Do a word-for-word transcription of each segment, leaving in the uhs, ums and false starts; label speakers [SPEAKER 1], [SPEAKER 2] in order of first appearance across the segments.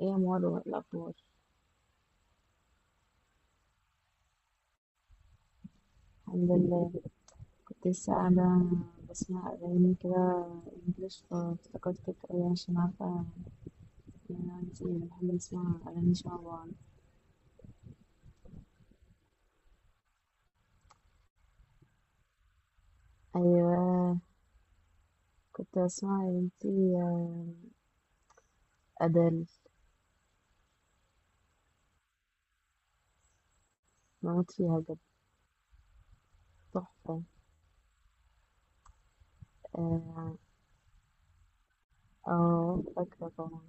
[SPEAKER 1] ايه يا مروة، إيه الأخبار؟ الحمد لله. كنت لسه قاعدة بسمع أغاني كده إنجلش فافتكرتك أوي عشان عارفة إن أنا وإنتي بنحب نسمع أغاني شبه بعض. أيوة، كنت بسمع يا بنتي أدل. بموت فيها بجد، تحفة. اه، آه، فاكرة طبعا.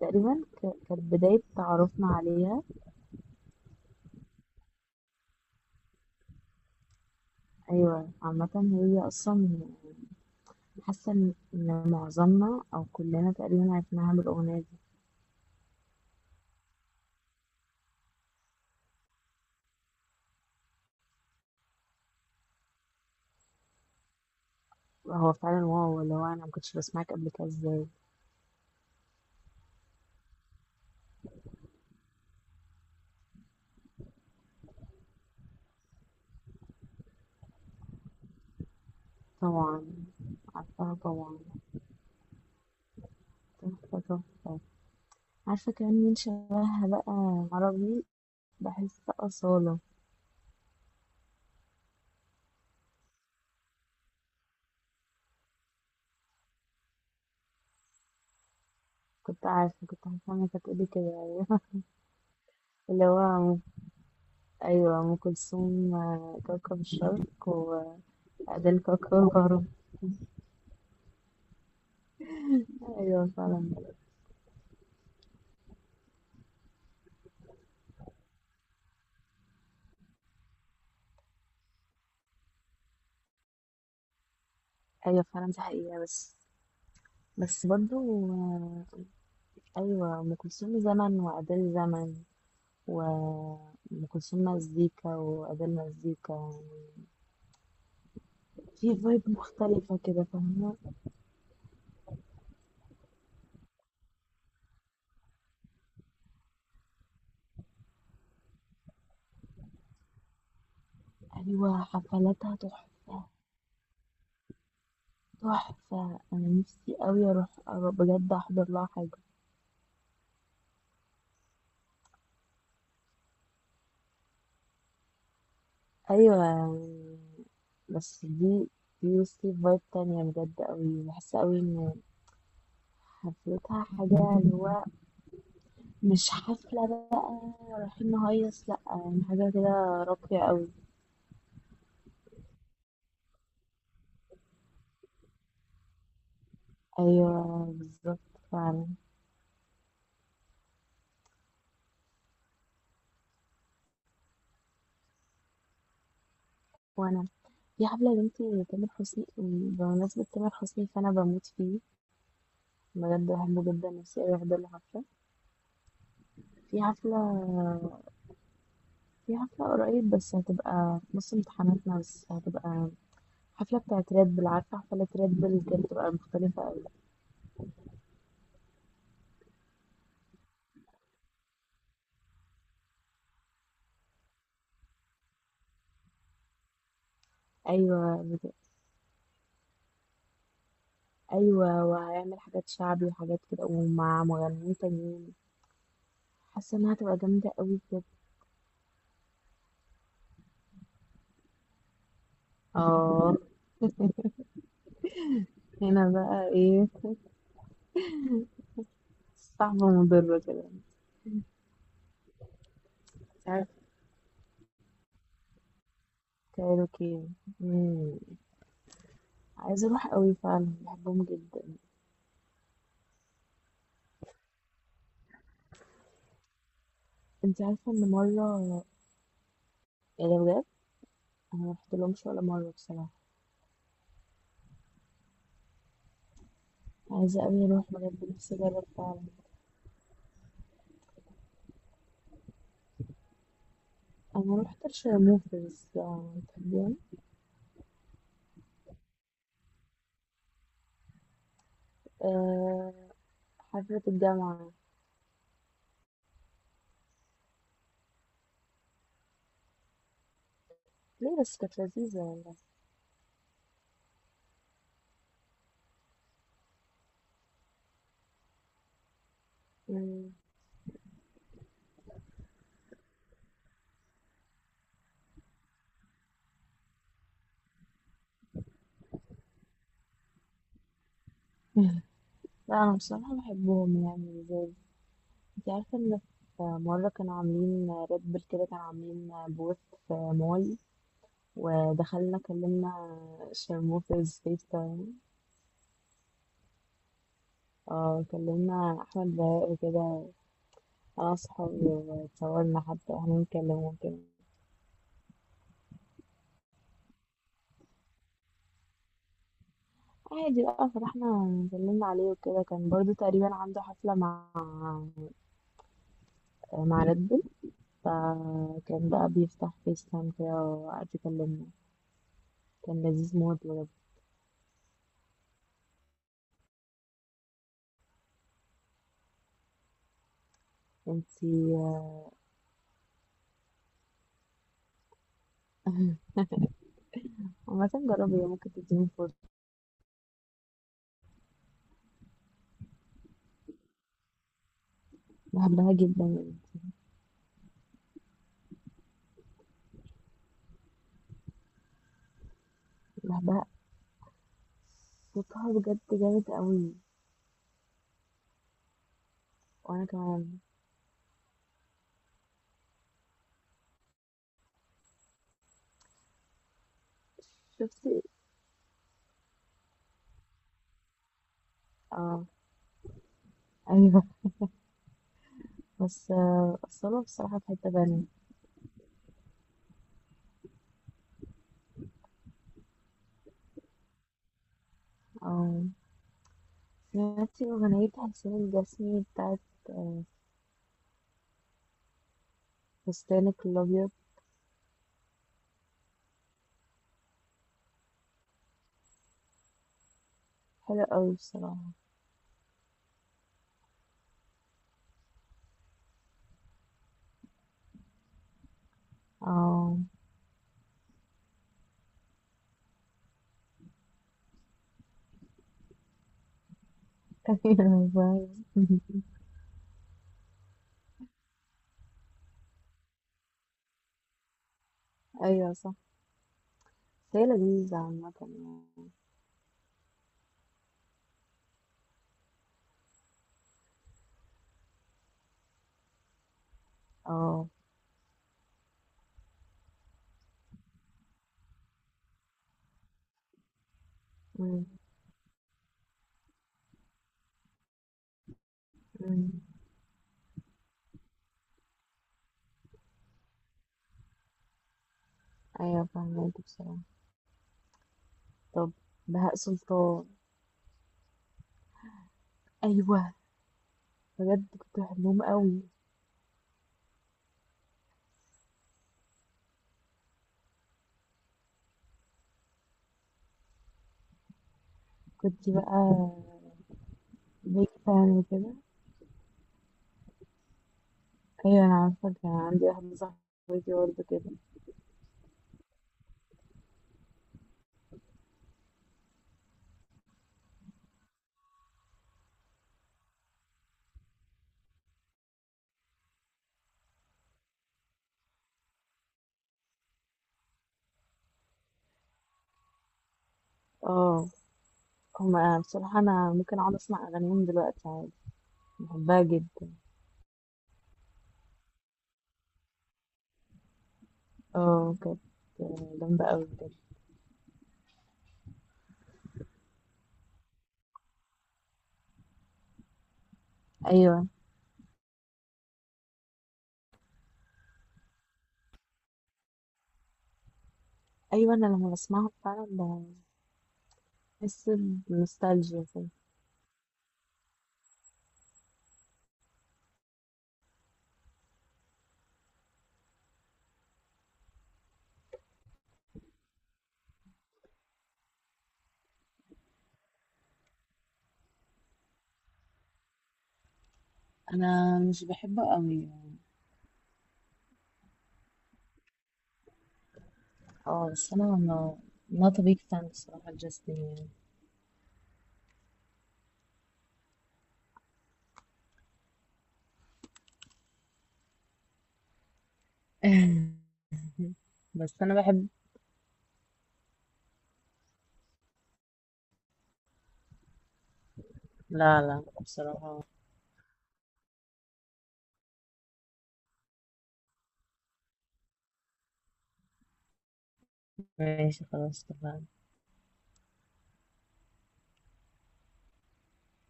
[SPEAKER 1] تقريبا ك- كانت بداية تعرفنا عليها. أيوة عامة. هي أصلا حاسة إن إن معظمنا أو كلنا تقريبا عرفناها بالأغنية. هو فعلا واو، اللي هو انا ما كنتش بسمعك قبل كده ازاي؟ طبعا. عارفاها طبعا. تحفة تحفة. عارفة كمان مين شبهها بقى عربي؟ بحس أصالة. كنت عارفة، كنت عارفة انك هتقولي كده. أيوة. اللي هو أم- أيوة، أم كلثوم، آه، كوكب الشرق وأديل. كوكب الغرب. أيوة فعلا. أيوة فعلا، دي حقيقة بس. بس برضو، آه، أيوة أم كلثوم زمن وأديل زمن. وأم كلثوم مزيكا وأديل مزيكا يعني. في فايب مختلفة كده، فاهمة؟ أيوة، حفلاتها تحفة. تحفة، أنا نفسي أوي أروح، أروح بجد أحضر لها حاجة. أيوة يعني. بس دي دي بصي فايب تانية بجد أوي، بحس أوي إن حفلتها حاجة اللي هو مش حفلة بقى رايحين نهيص، لأ، يعني حاجة كده راقية أوي. أيوة بالظبط. فعلا. وأنا في حفلة يا بنتي تامر حسني، بمناسبة تامر حسني فأنا بموت فيه بجد، بحبه جدا، نفسي أوي أحضر له حفلة. في حفلة في حفلة قريب، بس هتبقى في نص امتحاناتنا، بس هتبقى حفلة بتاعت ريد بل. عارفة حفلة ريد بل كانت بتبقى مختلفة أوي. أيوة بت-، أيوة وهيعمل حاجات شعبي وحاجات كده ومع مغنيين تانيين. حاسة إنها هتبقى جامدة أوي بجد. اه. هنا بقى ايه؟ صعبة ومضرة كده. مش عارفة. كايروكي. مم. عايزة اروح قوي فعلا، بحبهم جدا. انت عارفة ان مرة، يعني بجد، انا مرحت لهمش ولا مرة بصراحة. عايزة قوي اروح بجد، نفسي اجرب فعلا. انا رحت الشرموفرز، يعني تحبيهم؟ أه. حفلة الجامعة. ليه؟ بس كانت لذيذة والله. مم. لا، انا بصراحة بحبهم يعني. زي، انت عارفة ان في مرة كانوا عاملين ريد بول كده، كانوا عاملين بوث في مول، ودخلنا كلمنا شرموفرز فيس. اه، كلمنا احمد بهاء وكده، انا وصحابي واتصورنا حتى واحنا بنتكلم وكده. عادي بقى، فرحنا. كلمنا عليه وكده كان برضو تقريبا عنده حفلة مع مع ريد بول. فكان بقى بيفتح فيس تايم كده وقعد يكلمنا. كان لذيذ موت بجد. انتي. عامة، جربي، هي ممكن تديني فرصة. بحبها جدا يعني. بحبها. صوتها بجد جامد قوي. وانا كمان. شفتي. اه. ايوه. بس، آه، اصلا بصراحة في حتة تانية. اه. سمعتي أغنية حسين الجسمي بتاعت آه، فستانك الأبيض؟ حلوة أوي بصراحة. اه. أيوة فاهم. أيوة صح. بس هي لذيذة عامة يعني. اه. أمم، أمم. أيوة فاهمك بصراحة. طب، بهاء سلطان. أيوة، بجد كنت بحبهم أوي. كنت بقى بيج فان وكده. أيوة أنا عارفة، كان عندي واحدة صاحبتي برضه كده. اه، هما بصراحة أنا ممكن أقعد أسمع أغانيهم دلوقتي عادي، بحبها جدا. اه، كانت جامدة أوي بجد. أيوة. أيوة، أنا لما بسمعها فعلا بحس بنوستالجيا كده. انا مش بحبه قوي يعني. اه بس انا ما not a big fan بصراحة جاستن. يعني، بس انا بحب. لا لا بصراحة. ماشي خلاص اتفقنا.